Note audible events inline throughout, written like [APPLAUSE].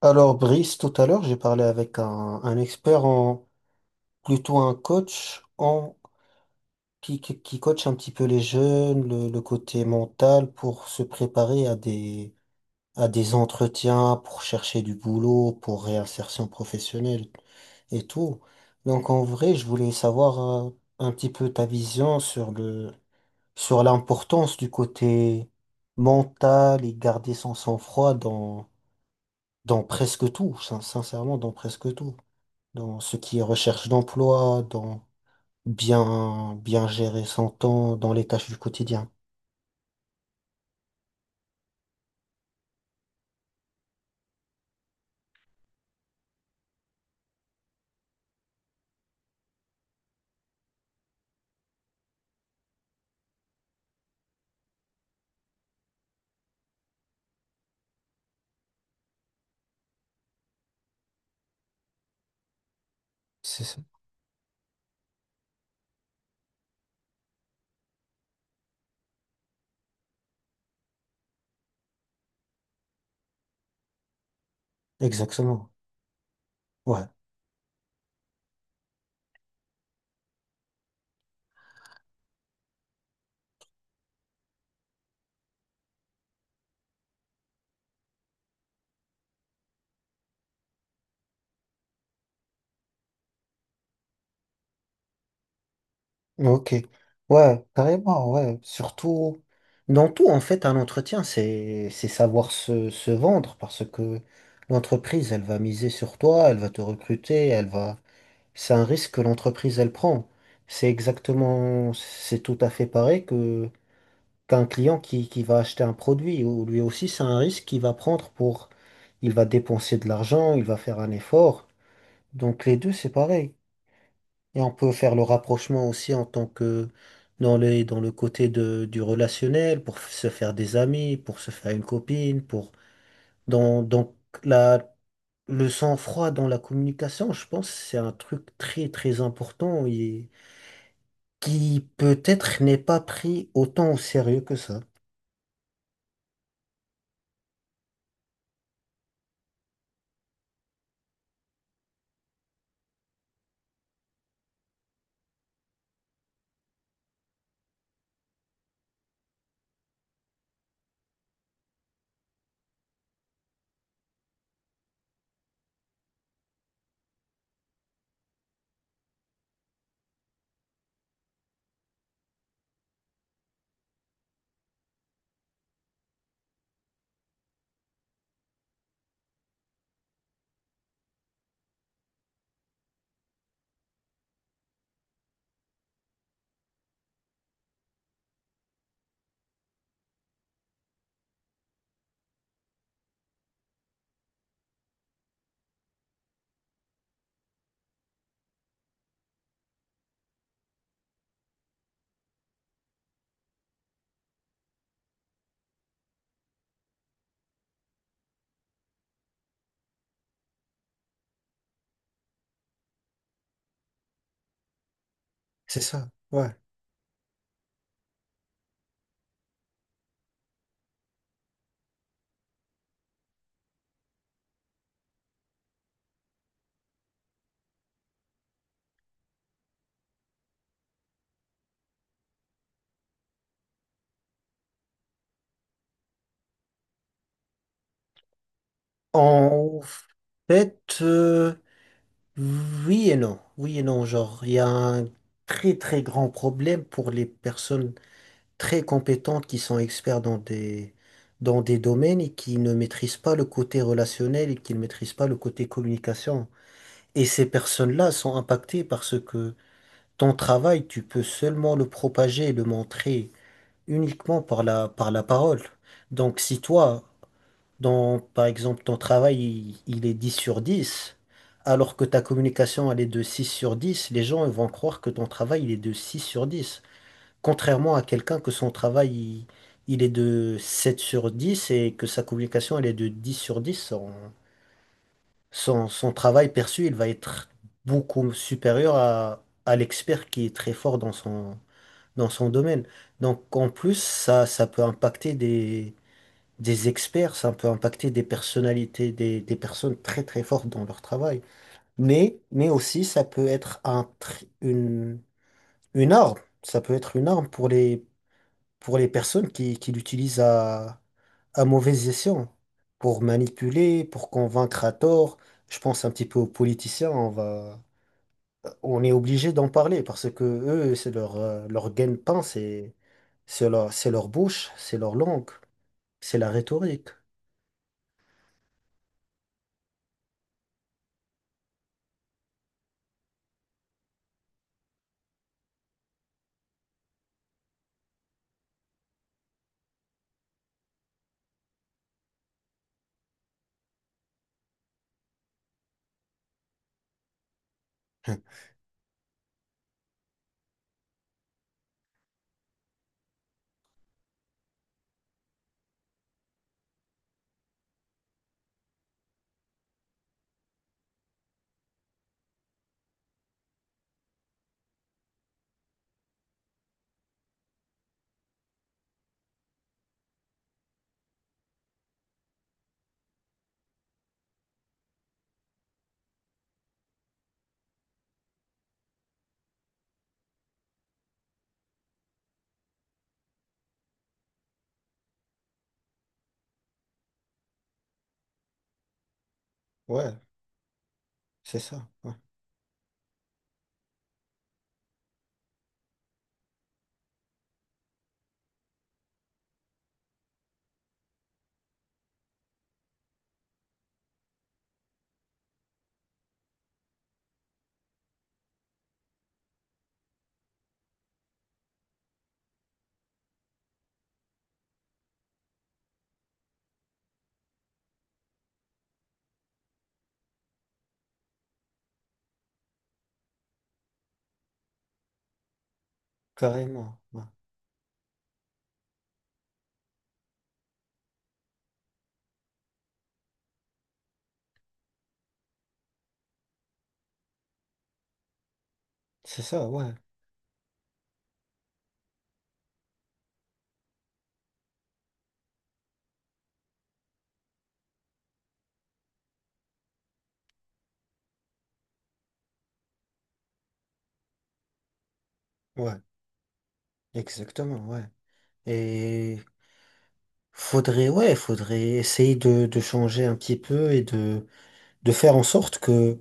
Alors, Brice, tout à l'heure, j'ai parlé avec un expert en, plutôt un coach en, qui coach un petit peu les jeunes, le côté mental pour se préparer à des entretiens, pour chercher du boulot, pour réinsertion professionnelle et tout. Donc, en vrai, je voulais savoir un petit peu ta vision sur sur l'importance du côté mental et garder son sang-froid dans presque tout, sincèrement, dans presque tout. Dans ce qui est recherche d'emploi, dans bien gérer son temps, dans les tâches du quotidien. C'est ça. Exactement. Ouais. Ok. Ouais, carrément, ouais. Surtout, dans tout, en fait, un entretien, c'est savoir se vendre parce que l'entreprise, elle va miser sur toi, elle va te recruter, elle va, c'est un risque que l'entreprise, elle prend. C'est exactement, c'est tout à fait pareil que. Qu'un client qui va acheter un produit, ou lui aussi, c'est un risque qu'il va prendre Il va dépenser de l'argent, il va faire un effort. Donc les deux, c'est pareil. Et on peut faire le rapprochement aussi en tant que dans le côté du relationnel, pour se faire des amis, pour se faire une copine. Pour... Dans, donc la, le sang-froid dans la communication, je pense, c'est un truc très, très important et qui peut-être n'est pas pris autant au sérieux que ça. C'est ça. Ouais. En fait, oui et non. Oui et non, genre, il y a un très très grand problème pour les personnes très compétentes qui sont experts dans des domaines et qui ne maîtrisent pas le côté relationnel et qui ne maîtrisent pas le côté communication. Et ces personnes-là sont impactées parce que ton travail, tu peux seulement le propager et le montrer uniquement par par la parole. Donc si toi, par exemple, ton travail, il est 10/10 alors que ta communication, elle est de 6/10. Les gens ils vont croire que ton travail, il est de 6/10. Contrairement à quelqu'un que son travail, il est de 7/10 et que sa communication, elle est de 10/10. Son travail perçu, il va être beaucoup supérieur à l'expert qui est très fort dans son domaine. Donc, en plus, ça peut impacter des experts, ça peut impacter des personnalités, des personnes très très fortes dans leur travail. Mais aussi, ça peut être une arme. Ça peut être une arme pour les personnes qui l'utilisent à mauvais escient, pour manipuler, pour convaincre à tort. Je pense un petit peu aux politiciens, on est obligé d'en parler parce que eux, c'est leur gagne-pain, c'est leur bouche, c'est leur langue, c'est la rhétorique. [LAUGHS] Ouais. C'est ça, ouais. Carrément, ouais. C'est ça, ouais, ouais, exactement, ouais. Et faudrait, ouais, faudrait essayer de changer un petit peu et de faire en sorte que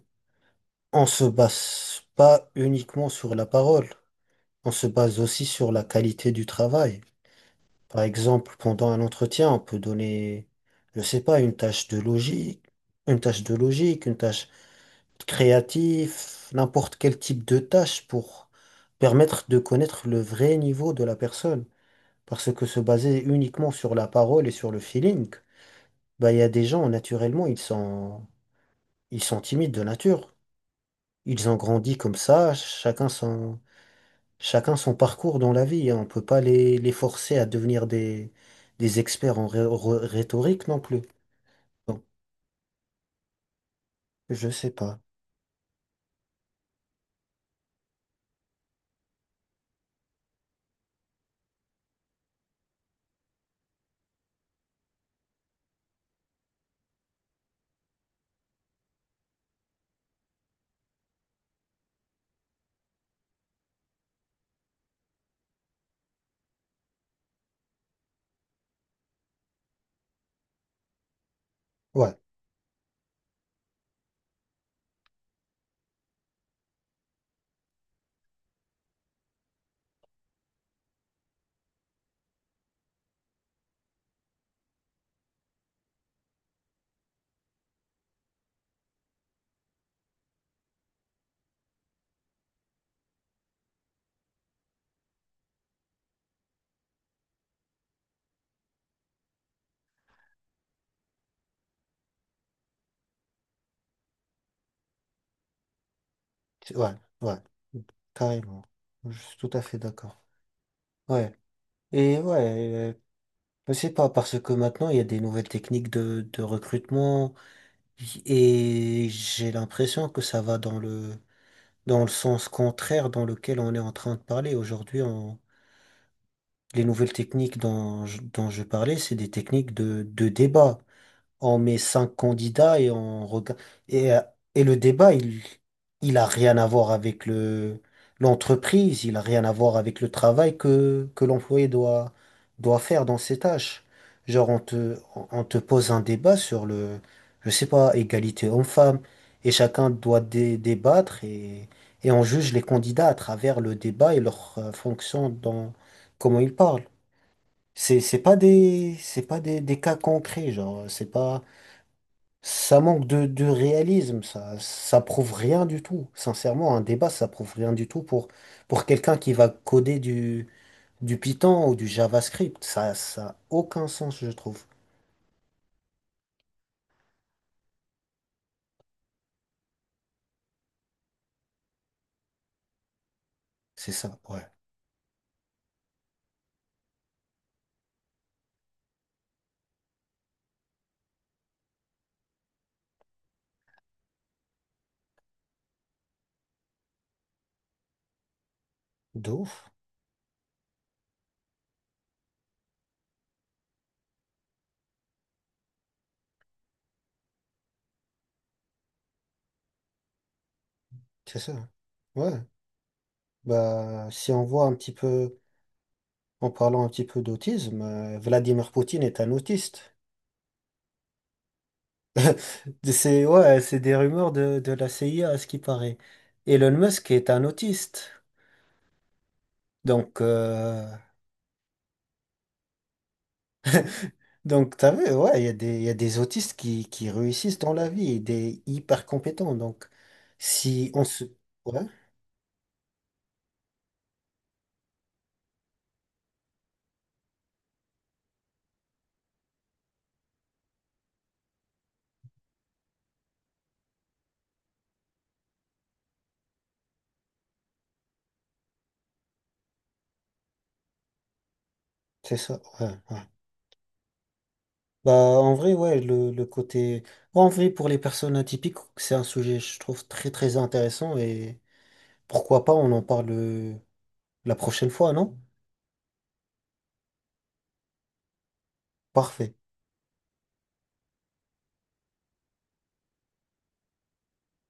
on se base pas uniquement sur la parole, on se base aussi sur la qualité du travail. Par exemple, pendant un entretien, on peut donner, je sais pas, une tâche de logique, une tâche créatif, n'importe quel type de tâche pour permettre de connaître le vrai niveau de la personne. Parce que se baser uniquement sur la parole et sur le feeling, bah, il y a des gens, naturellement, ils sont timides de nature. Ils ont grandi comme ça, chacun son parcours dans la vie. On peut pas les forcer à devenir des experts en rhétorique non plus. Donc, je sais pas. Ouais, ouais, ouais, carrément. Je suis tout à fait d'accord. Ouais. Et ouais, euh, je sais pas, parce que maintenant, il y a des nouvelles techniques de recrutement et j'ai l'impression que ça va dans le sens contraire dans lequel on est en train de parler. Aujourd'hui, les nouvelles techniques dont je parlais, c'est des techniques de débat. On met cinq candidats et on regarde. Et, euh, et le débat, il a rien à voir avec l'entreprise, il a rien à voir avec le travail que l'employé doit faire dans ses tâches. Genre, on te pose un débat sur le, je sais pas, égalité homme-femme, et chacun doit débattre, et on juge les candidats à travers le débat et leur fonction dans comment ils parlent. C'est pas des cas concrets, genre, c'est pas, ça manque de réalisme, ça prouve rien du tout. Sincèrement, un débat, ça prouve rien du tout pour quelqu'un qui va coder du Python ou du JavaScript. Ça a aucun sens, je trouve. C'est ça, ouais. De ouf, c'est ça. Ouais. Bah, si on voit un petit peu, en parlant un petit peu d'autisme, Vladimir Poutine est un autiste. [LAUGHS] C'est, ouais, c'est des rumeurs de la CIA à ce qui paraît. Elon Musk est un autiste. Donc, donc, t'as vu, ouais, il y a des, il y a des autistes qui réussissent dans la vie et des hyper compétents. Donc. Si on se... Ouais, c'est ça. Ouais, ouais. Bah, en vrai, ouais, le côté. En vrai, pour les personnes atypiques, c'est un sujet, je trouve, très, très intéressant et pourquoi pas, on en parle la prochaine fois, non? Parfait.